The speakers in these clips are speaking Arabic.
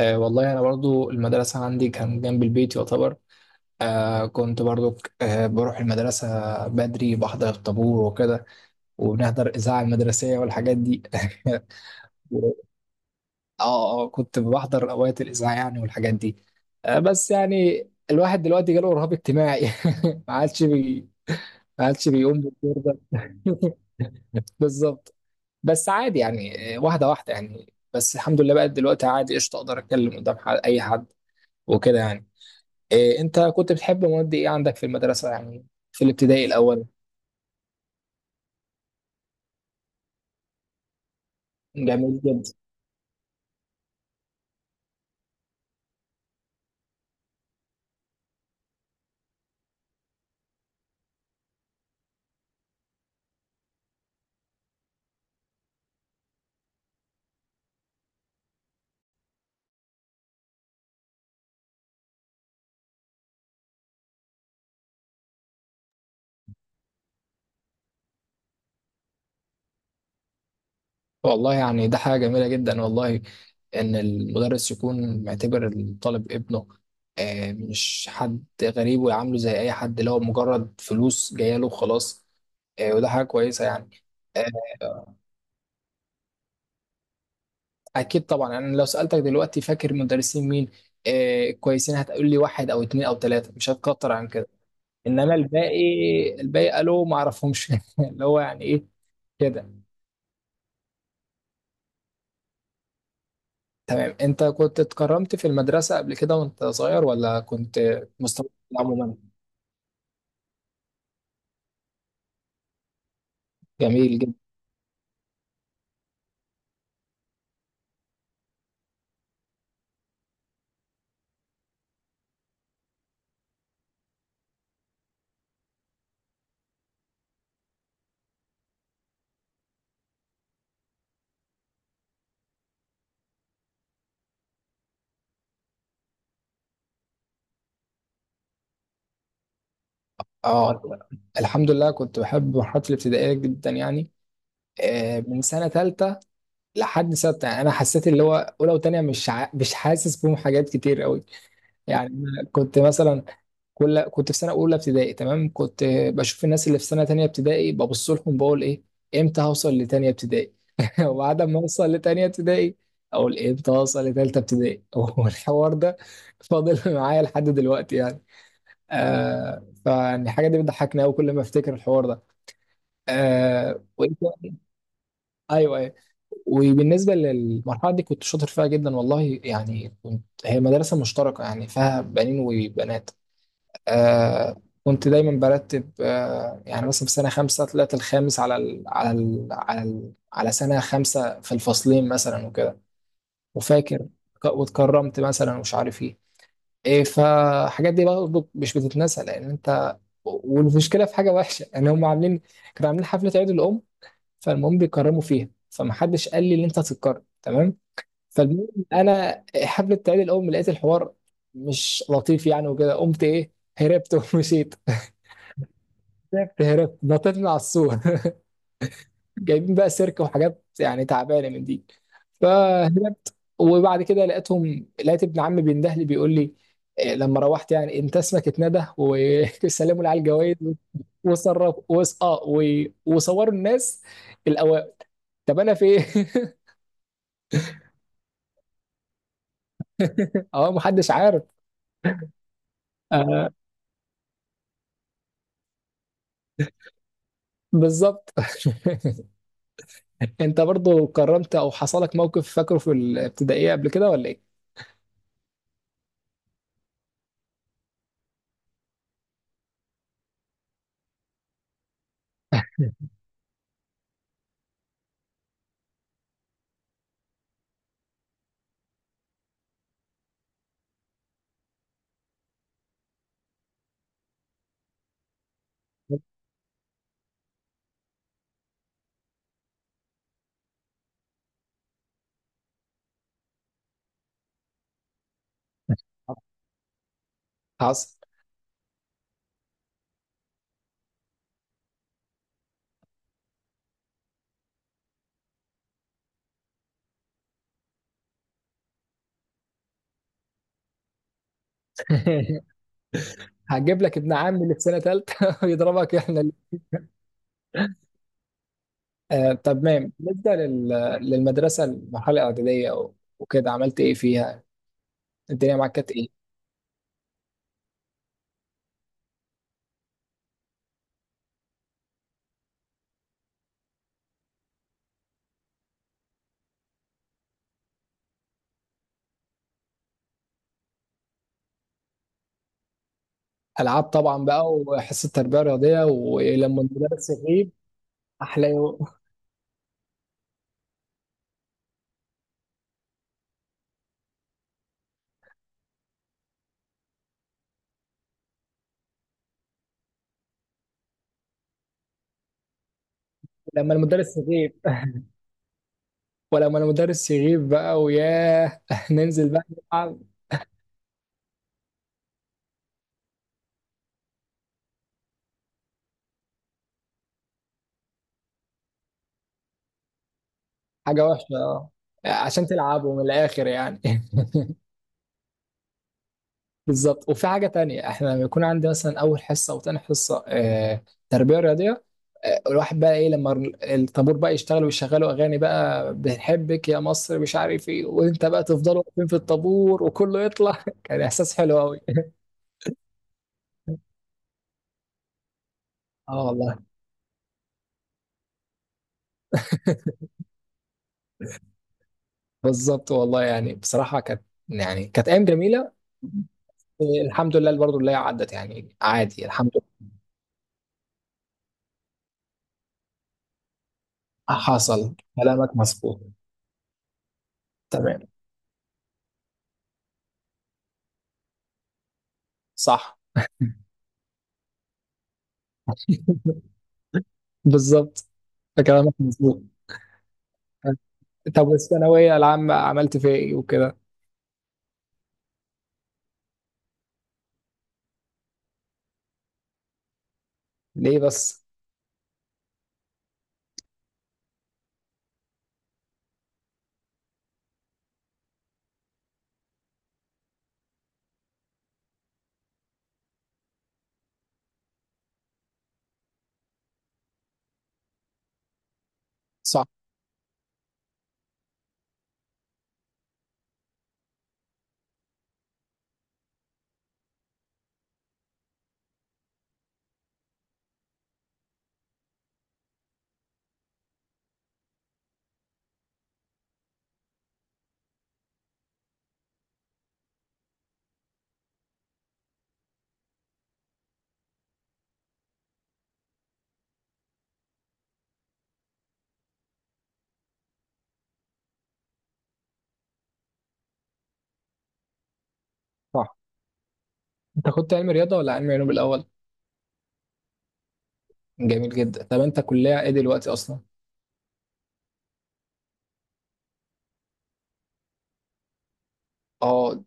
والله أنا برضو المدرسة عندي كان جنب البيت يعتبر. آه كنت برضو آه بروح المدرسة بدري، بحضر الطابور وكده، وبنحضر الإذاعة المدرسية والحاجات دي. و- اه كنت بحضر أوقات الإذاعة يعني والحاجات دي. بس يعني الواحد دلوقتي جاله رهاب اجتماعي. ما عادش بي ما عادش بيقوم بالدور ده. بالظبط. بس عادي يعني، واحدة واحدة، يعني بس الحمد لله بقى دلوقتي عادي، قشطة أقدر أتكلم قدام أي حد وكده يعني. إيه، انت كنت بتحب مواد ايه عندك في المدرسة يعني، في الابتدائي الاول؟ جميل جدا. والله يعني ده حاجة جميلة جدا والله، ان المدرس يكون معتبر الطالب ابنه، إيه، مش حد غريب، ويعامله زي اي حد اللي هو مجرد فلوس جاية له وخلاص. إيه، وده حاجة كويسة يعني. آه، اكيد طبعا. انا لو سالتك دلوقتي فاكر مدرسين مين كويسين، هتقول لي واحد او اتنين او تلاته، مش هتكتر عن كده. انما الباقي، الباقي قالوا ما اعرفهمش. اللي هو يعني ايه، كده. تمام، انت كنت اتكرمت في المدرسة قبل كده وانت صغير ولا كنت؟ مستوى عموما. جميل جدا. اه، الحمد لله كنت بحب مرحلة الابتدائية جدا يعني. من سنة تالتة لحد ستة. يعني أنا حسيت اللي هو أولى وتانية مش حاسس بهم حاجات كتير قوي. يعني أنا كنت مثلا، كنت في سنه اولى ابتدائي، تمام، كنت بشوف الناس اللي في سنه تانية ابتدائي، ببص لهم بقول ايه، امتى هوصل لتانية ابتدائي. وبعد ما اوصل لتانية ابتدائي اقول امتى هوصل لتالتة ابتدائي. والحوار ده فاضل معايا لحد دلوقتي يعني. فالحاجه دي بتضحكني قوي كل ما افتكر الحوار ده. آه وإنت- ايوه ايوه. وبالنسبه للمرحله دي كنت شاطر فيها جدا والله يعني، كنت هي مدرسه مشتركه يعني، فيها بنين وبنات. كنت دايما برتب، يعني مثلا في سنة خمسة طلعت الخامس على سنة خمسة في الفصلين مثلا وكده. وفاكر، واتكرمت مثلا ومش عارف ايه. ايه، فالحاجات دي برضه مش بتتنسى لان انت، والمشكله في حاجه وحشه يعني، هم عاملين كانوا عاملين حفله عيد الام. فالمهم بيكرموا فيها، فمحدش قال لي ان انت هتتكرم، تمام. فالمهم انا حفله عيد الام لقيت الحوار مش لطيف يعني، وكده قمت ايه، هربت. ومشيت، هرات نطيت من على السور. جايبين بقى سيرك وحاجات يعني تعبانه من دي. فهربت، وبعد كده لقيتهم، لقيت ابن عمي بينده لي بيقول لي إيه، لما روحت يعني انت اسمك اتندى وسلموا لي على الجوايد. وصرف وص... اه و... وصوروا الناس الاوائل، طب انا فين؟ اه، محدش عارف. آه، بالظبط. انت برضو كرمت او حصلك موقف فاكره في الابتدائيه قبل كده ولا ايه؟ حصل. هجيب لك ابن عمي اللي في سنه ثالثه ويضربك آه. طب مام، للمدرسه المرحله الاعداديه وكده عملت ايه فيها؟ الدنيا معاك كانت ايه؟ العاب طبعا بقى، وحصه تربيه رياضيه، ولما المدرس يغيب احلى يوم. لما المدرس يغيب. ولما المدرس يغيب بقى وياه ننزل بقى نلعب. حاجه وحشه، اه، عشان تلعبوا من الاخر يعني. بالظبط. وفي حاجة تانية، احنا لما يكون عندي مثلا أول حصة أو تاني حصة تربية رياضية، الواحد بقى إيه، لما الطابور بقى يشتغل ويشغلوا أغاني بقى، بنحبك يا مصر مش عارف إيه، وأنت بقى تفضلوا واقفين في الطابور وكله يطلع. كان إحساس حلو أوي. اه والله، بالظبط. والله يعني بصراحة كانت، يعني كانت أيام جميلة. الحمد لله برضه اللي هي عدت يعني، عادي الحمد لله. حصل، كلامك مظبوط. تمام. صح، بالظبط، كلامك مظبوط. طب والثانوية العامة عملت فيها ايه وكده؟ ليه بس؟ صح، صح. انت كنت علم رياضة ولا علم علوم الأول؟ جميل جدا. طب انت كلية ايه دلوقتي أصلا؟ اه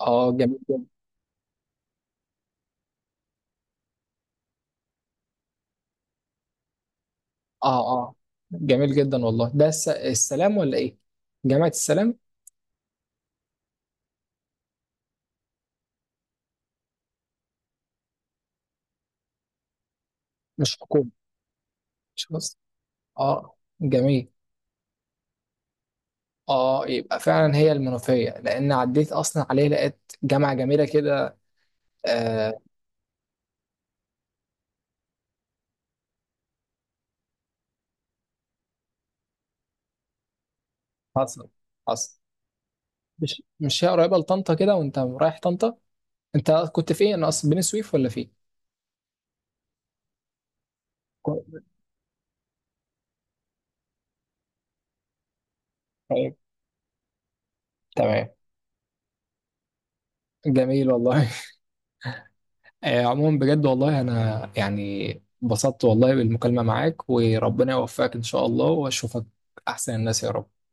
اه. آه، جميل جدا. اه اه. جميل جدا والله. ده السلام ولا ايه؟ جامعة السلام. مش حكومة، مش بس. اه، جميل. اه، يبقى فعلا هي المنوفية، لأن عديت أصلا عليه لقيت جامعة جميلة كده. آه. حصل حصل. مش، مش هي قريبة لطنطا كده وانت رايح طنطا؟ انت كنت في ايه، انا اصلا بني سويف ولا في إيه؟ كو- طيب. تمام. جميل والله. آه، عموما بجد والله انا يعني انبسطت والله بالمكالمة معاك، وربنا يوفقك ان شاء الله، واشوفك احسن الناس يا رب.